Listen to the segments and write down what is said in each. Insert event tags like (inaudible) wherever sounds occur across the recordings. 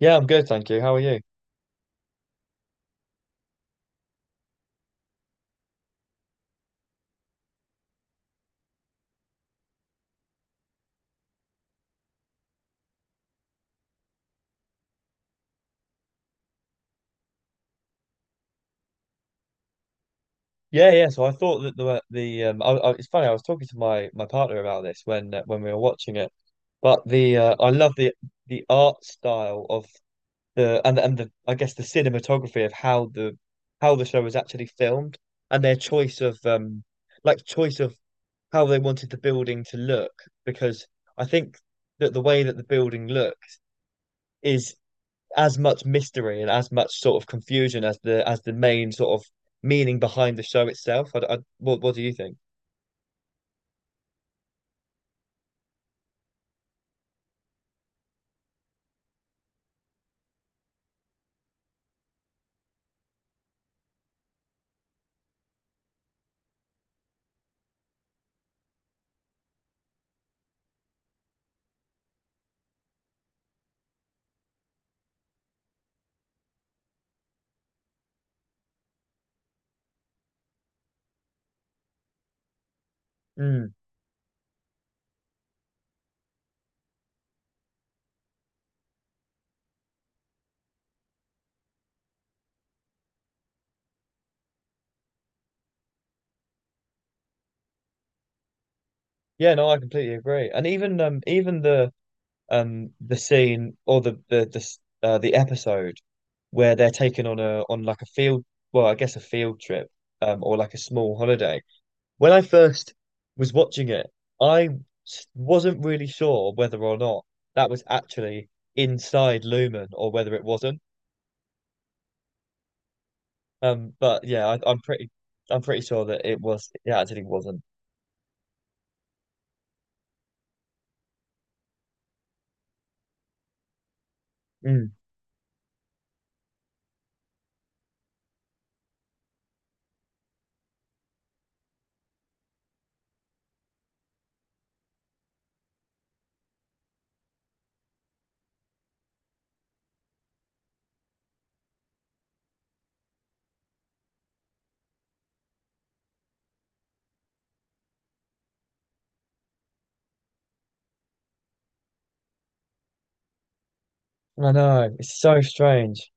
Yeah, I'm good, thank you. How are you? Yeah, yeah. So I thought that the it's funny. I was talking to my partner about this when we were watching it. But the I love the art style of the and the I guess the cinematography of how the show was actually filmed and their choice of like choice of how they wanted the building to look because I think that the way that the building looks is as much mystery and as much sort of confusion as the main sort of meaning behind the show itself. What do you think? Mm. Yeah, no, I completely agree. And even even the scene or the episode where they're taken on a on like a field, well, I guess a field trip, um, or like a small holiday. When I first was watching it, I wasn't really sure whether or not that was actually inside Lumen or whether it wasn't. But yeah, I'm pretty sure that it was, it actually wasn't. Mm. I know, it's so strange.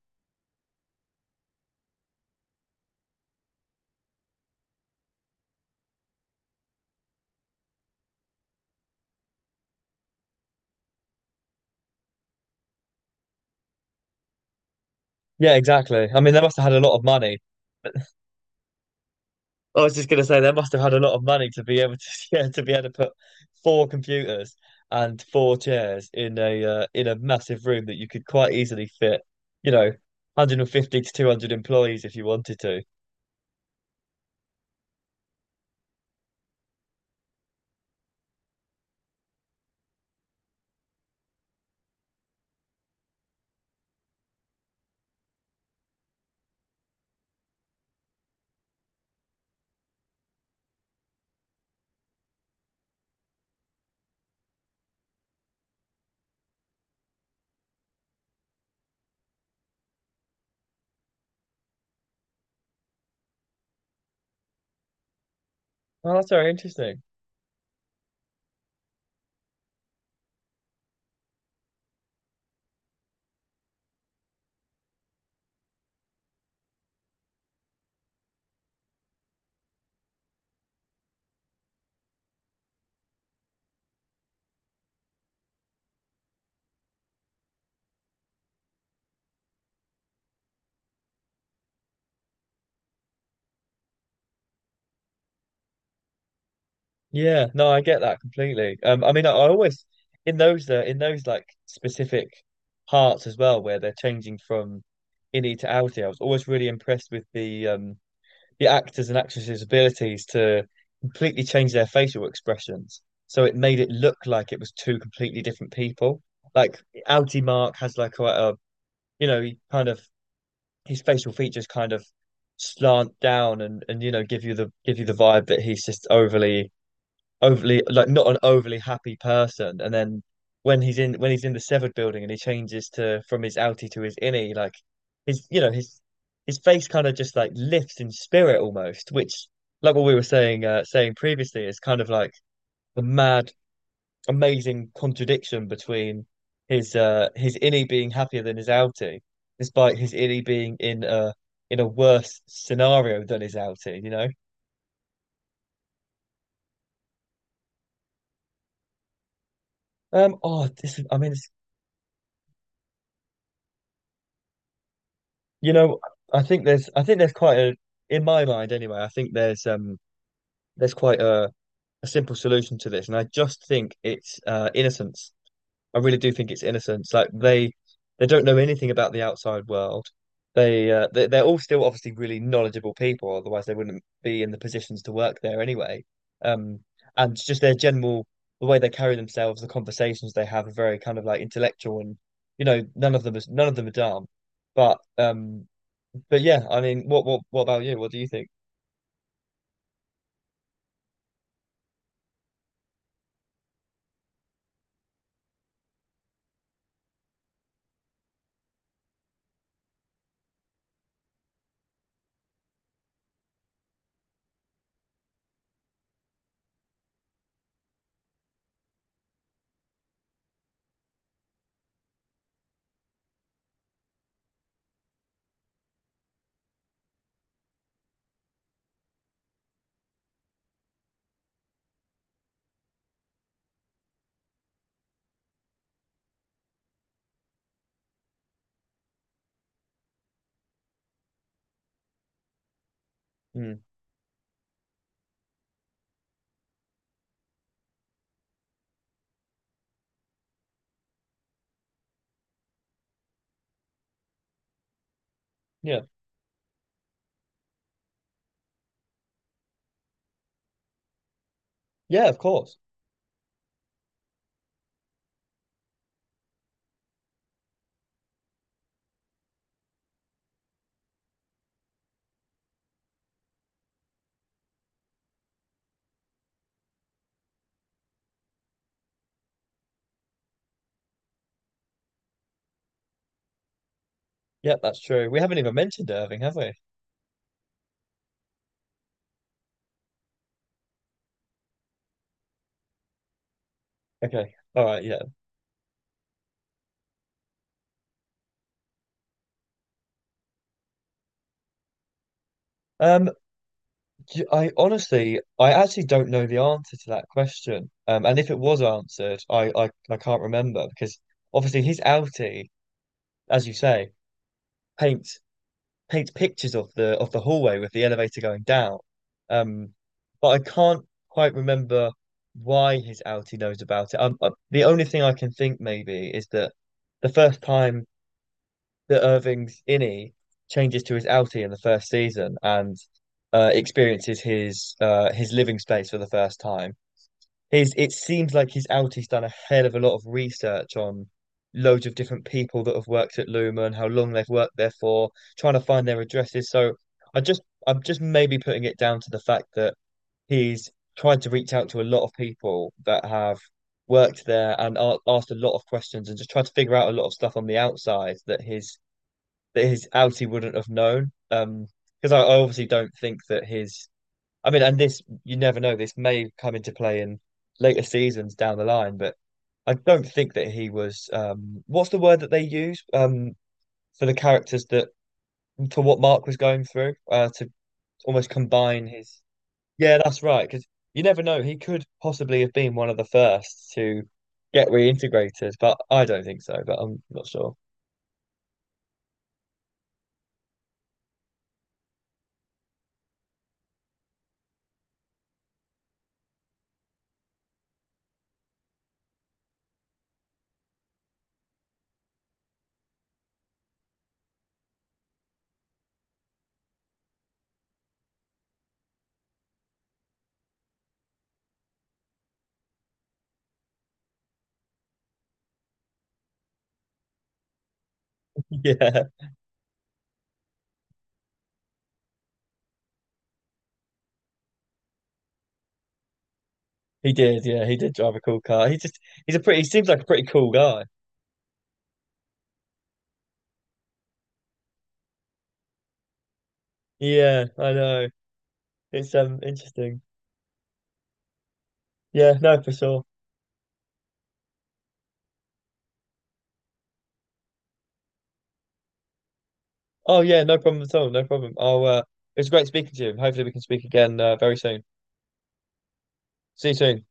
Yeah, exactly. I mean, they must have had a lot of money. I was just gonna say they must have had a lot of money to be able to, (laughs) yeah, to be able to put four computers and four chairs in a massive room that you could quite easily fit, you know, 150 to 200 employees if you wanted to. Oh, that's very interesting. Yeah, no, I get that completely. I mean, I always in those like specific parts as well, where they're changing from innie to outie. I was always really impressed with the actors and actresses' abilities to completely change their facial expressions, so it made it look like it was two completely different people. Like outie Mark has like quite a, you know, he kind of, his facial features kind of slant down, and you know, give you the, give you the vibe that he's just overly, overly, like, not an overly happy person. And then when he's in, when he's in the severed building and he changes to, from his outie to his innie, like his, you know, his face kind of just like lifts in spirit, almost, which like what we were saying, saying previously, is kind of like the mad, amazing contradiction between his innie being happier than his outie, despite his innie being in a, in a worse scenario than his outie, you know. Oh, this, I mean, it's, you know, I think there's, I think there's quite a, in my mind anyway, I think there's, um, there's quite a simple solution to this. And I just think it's innocence. I really do think it's innocence. Like they don't know anything about the outside world. They they're all still obviously really knowledgeable people, otherwise they wouldn't be in the positions to work there anyway. Um and just their general, the way they carry themselves, the conversations they have are very kind of like intellectual, and you know, none of them is, none of them are dumb. But um but yeah, I mean, what what about you? What do you think? Mm, yeah, yeah, of course. Yeah, that's true. We haven't even mentioned Irving, have we? Okay, all right, yeah. Um, I honestly, I actually don't know the answer to that question. And if it was answered, I can't remember because obviously his outie, as you say, paints, paint pictures of the hallway with the elevator going down. Um, but I can't quite remember why his outie knows about it. The only thing I can think maybe is that the first time that Irving's innie changes to his outie in the first season and experiences his living space for the first time, he's, it seems like he's out. He's done a hell of a lot of research on loads of different people that have worked at Luma and how long they've worked there for, trying to find their addresses. So I just, I'm just maybe putting it down to the fact that he's tried to reach out to a lot of people that have worked there and asked a lot of questions and just tried to figure out a lot of stuff on the outside that his outie wouldn't have known. Because I obviously don't think that his, I mean, and this, you never know, this may come into play in later seasons down the line, but I don't think that he was, what's the word that they use, for the characters that, for what Mark was going through, to almost combine his, yeah, that's right, because you never know, he could possibly have been one of the first to get reintegrated, but I don't think so, but I'm not sure. (laughs) Yeah, he did drive a cool car. He just, he's a pretty, he seems like a pretty cool guy. Yeah, I know. It's interesting. Yeah, no, for sure. Oh, yeah, no problem at all. No problem. I'll, it was great speaking to you. Hopefully, we can speak again, very soon. See you soon.